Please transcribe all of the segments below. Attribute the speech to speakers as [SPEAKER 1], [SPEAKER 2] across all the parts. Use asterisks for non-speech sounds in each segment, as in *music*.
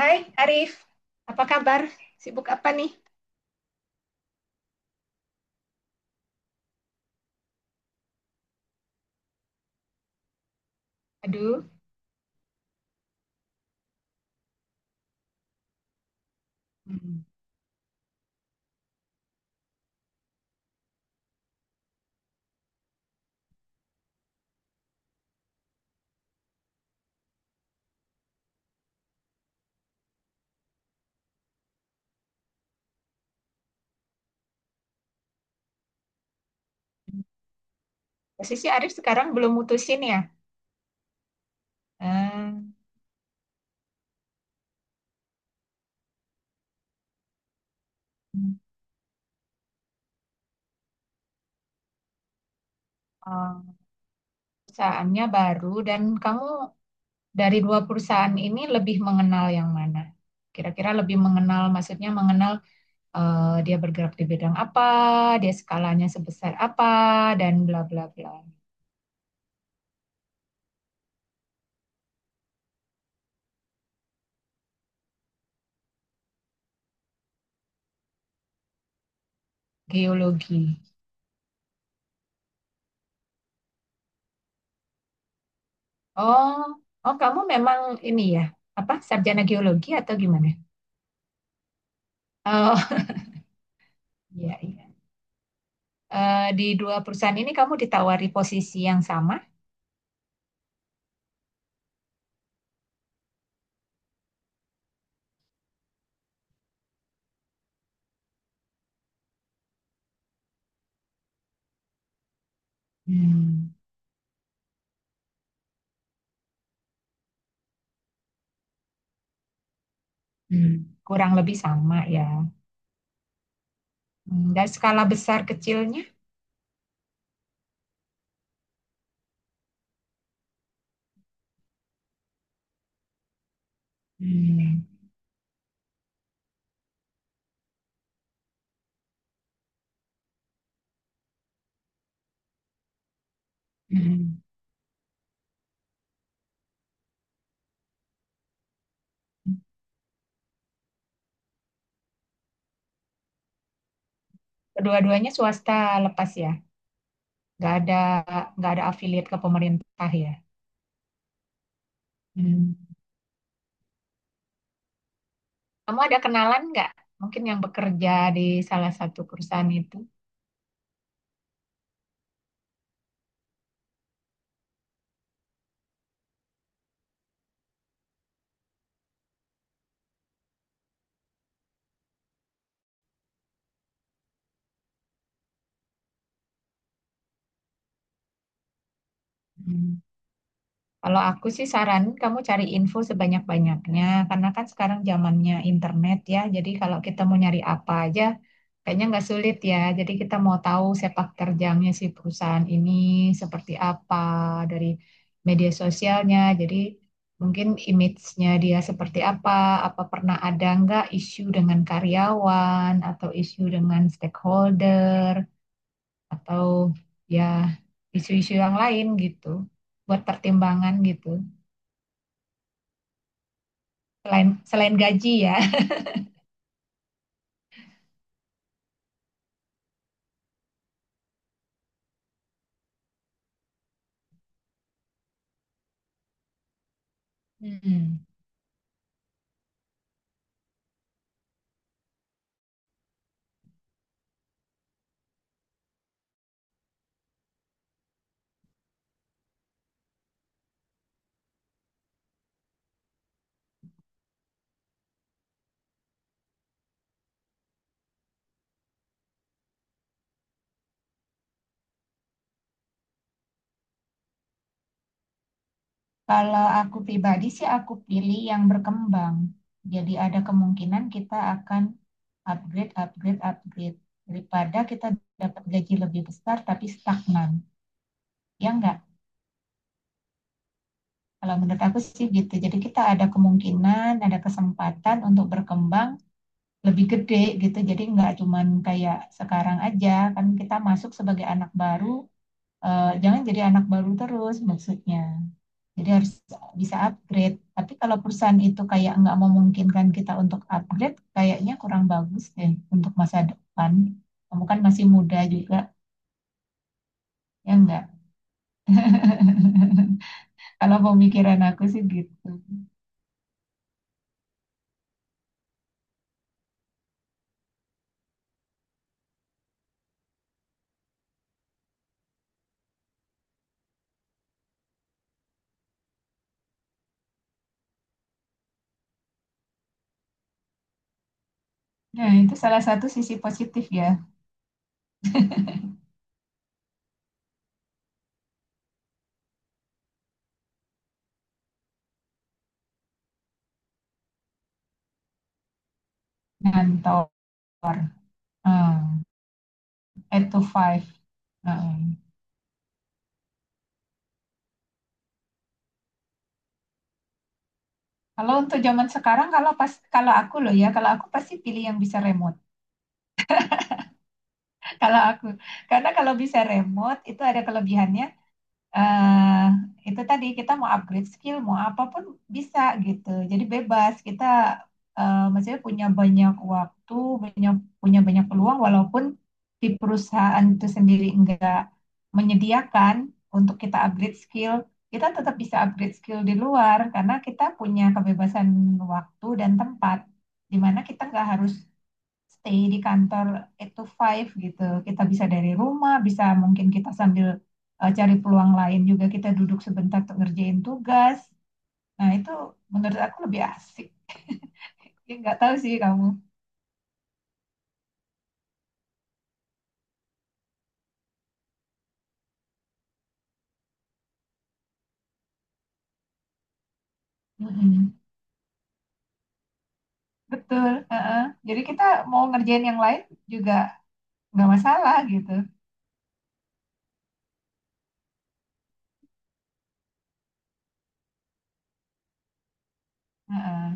[SPEAKER 1] Hai Arif, apa kabar? Sibuk apa nih? Aduh, hmm. Posisi Arif sekarang belum mutusin ya? Hmm, oh, perusahaannya baru dan kamu dari dua perusahaan ini lebih mengenal yang mana? Kira-kira lebih mengenal, maksudnya mengenal dia bergerak di bidang apa, dia skalanya sebesar apa, dan bla bla bla. Geologi. Oh, oh kamu memang ini ya, apa sarjana geologi atau gimana? Oh, *laughs* iya iya. Di dua perusahaan ini kamu ditawari posisi yang sama? Hmm, hmm, Kurang lebih sama ya. Dan skala besar kecilnya? Hmm, hmm. Kedua-duanya swasta lepas ya, nggak ada nggak ada afiliat ke pemerintah ya. hmm, Kamu ada kenalan nggak? Mungkin yang bekerja di salah satu perusahaan itu. Hmm. Kalau aku sih saranin kamu cari info sebanyak-banyaknya, karena kan sekarang zamannya internet ya. Jadi kalau kita mau nyari apa aja, kayaknya nggak sulit ya. Jadi kita mau tahu sepak terjangnya si perusahaan ini seperti apa dari media sosialnya. Jadi mungkin image-nya dia seperti apa, apa pernah ada nggak isu dengan karyawan atau isu dengan stakeholder atau ya isu-isu yang lain gitu buat pertimbangan gitu. Selain selain gaji ya. Hmm. Kalau aku pribadi sih aku pilih yang berkembang. Jadi ada kemungkinan kita akan upgrade, upgrade, upgrade. Daripada kita dapat gaji lebih besar tapi stagnan. Ya enggak? Kalau menurut aku sih gitu. Jadi kita ada kemungkinan, ada kesempatan untuk berkembang lebih gede gitu. Jadi enggak cuman kayak sekarang aja. Kan kita masuk sebagai anak baru, jangan jadi anak baru terus maksudnya. Jadi harus bisa upgrade. Tapi kalau perusahaan itu kayak nggak memungkinkan kita untuk upgrade, kayaknya kurang bagus deh untuk masa depan. Kamu kan masih muda juga, ya enggak? *laughs* Kalau pemikiran aku sih gitu. Nah, itu salah satu sisi positif ya, ngantor. Hmm, Eight to five. Hmm. Kalau untuk zaman sekarang, kalau pas kalau aku loh ya, kalau aku pasti pilih yang bisa remote. *laughs* Kalau aku, karena kalau bisa remote itu ada kelebihannya, eh itu tadi kita mau upgrade skill, mau apapun bisa gitu. Jadi bebas kita maksudnya punya banyak waktu, punya punya banyak peluang walaupun di perusahaan itu sendiri enggak menyediakan untuk kita upgrade skill, kita tetap bisa upgrade skill di luar karena kita punya kebebasan waktu dan tempat di mana kita nggak harus stay di kantor eight to five gitu. Kita bisa dari rumah, bisa mungkin kita sambil cari peluang lain juga kita duduk sebentar untuk ngerjain tugas. Nah, itu menurut aku lebih asik. Ya, nggak tahu sih kamu. Mm-mm. Betul. Heeh. Jadi kita mau ngerjain yang lain juga nggak masalah gitu. Heeh.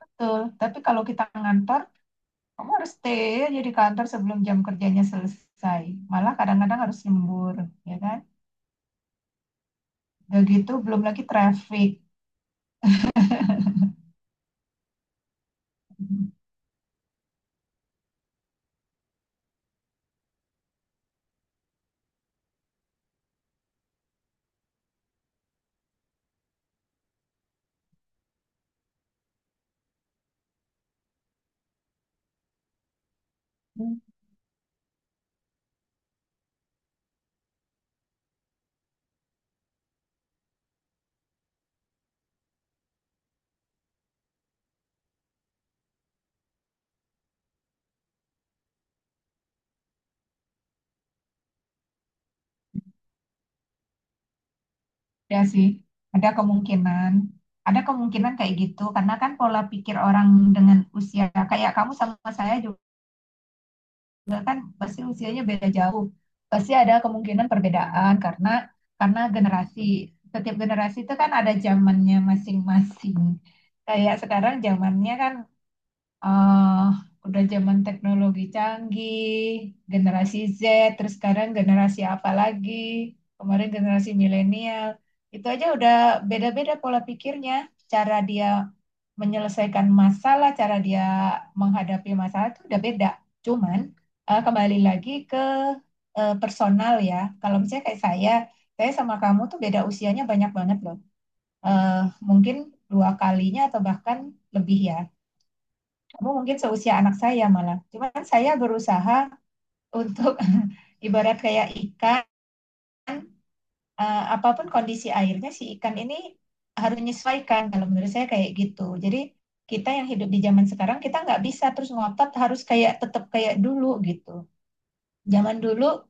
[SPEAKER 1] Betul. Tapi kalau kita ngantor, kamu harus stay aja di kantor sebelum jam kerjanya selesai. Malah kadang-kadang harus lembur, ya kan? Udah gitu, belum lagi traffic. Hmm. Ya sih, ada kemungkinan, ada kemungkinan kayak gitu, karena kan pola pikir orang dengan usia kayak kamu sama saya juga kan pasti usianya beda jauh, pasti ada kemungkinan perbedaan karena generasi, setiap generasi itu kan ada zamannya masing-masing. Kayak sekarang zamannya kan eh udah zaman teknologi canggih, generasi Z, terus sekarang generasi apa lagi? Kemarin generasi milenial. Itu aja udah beda-beda pola pikirnya, cara dia menyelesaikan masalah, cara dia menghadapi masalah itu udah beda. Cuman kembali lagi ke personal ya. Kalau misalnya kayak saya sama kamu tuh beda usianya banyak banget loh. Eh, Mungkin dua kalinya atau bahkan lebih ya kamu mungkin seusia anak saya malah. Cuman saya berusaha untuk *laughs* ibarat kayak ikan, apapun kondisi airnya si ikan ini harus menyesuaikan. Kalau menurut saya kayak gitu. Jadi kita yang hidup di zaman sekarang kita nggak bisa terus ngotot harus kayak tetap kayak dulu gitu. Zaman dulu,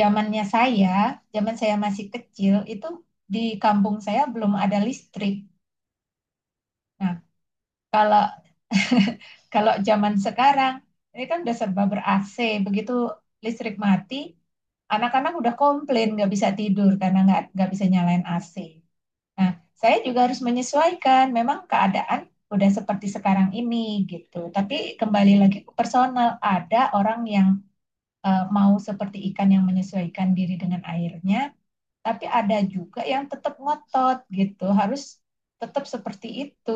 [SPEAKER 1] zamannya saya, zaman saya masih kecil itu di kampung saya belum ada listrik. Nah, kalau kalau zaman sekarang ini kan udah serba ber AC, begitu listrik mati, anak-anak udah komplain nggak bisa tidur karena nggak bisa nyalain AC. Nah, saya juga harus menyesuaikan. Memang keadaan udah seperti sekarang ini gitu. Tapi kembali lagi ke personal, ada orang yang mau seperti ikan yang menyesuaikan diri dengan airnya, tapi ada juga yang tetap ngotot gitu. Harus tetap seperti itu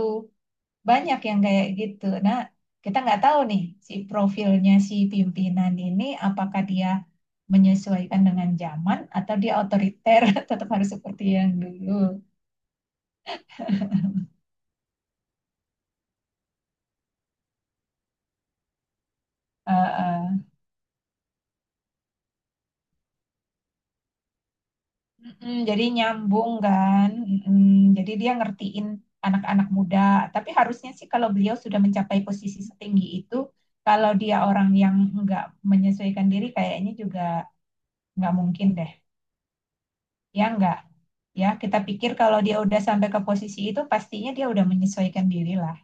[SPEAKER 1] banyak yang kayak gitu. Nah, kita nggak tahu nih si profilnya si pimpinan ini apakah dia menyesuaikan dengan zaman atau dia otoriter *laughs* tetap harus seperti yang dulu. Eh, eh. Mm-mm, jadi nyambung kan. Mm-mm. Jadi dia ngertiin anak-anak muda. Tapi harusnya sih kalau beliau sudah mencapai posisi setinggi itu, kalau dia orang yang nggak menyesuaikan diri, kayaknya juga nggak mungkin deh. Ya, enggak? Ya, kita pikir kalau dia udah sampai ke posisi itu pastinya dia udah menyesuaikan diri lah,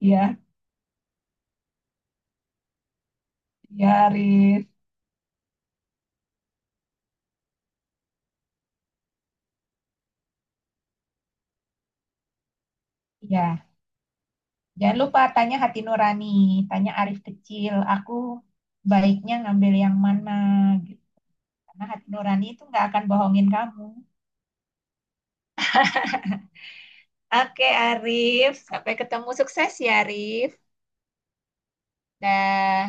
[SPEAKER 1] ya. Ya, Arif. Ya, jangan lupa tanya hati nurani, tanya Arif kecil aku, baiknya ngambil yang mana, gitu, karena hati nurani itu nggak akan bohongin kamu. Oke Arif, sampai ketemu, sukses ya Arif. Dah.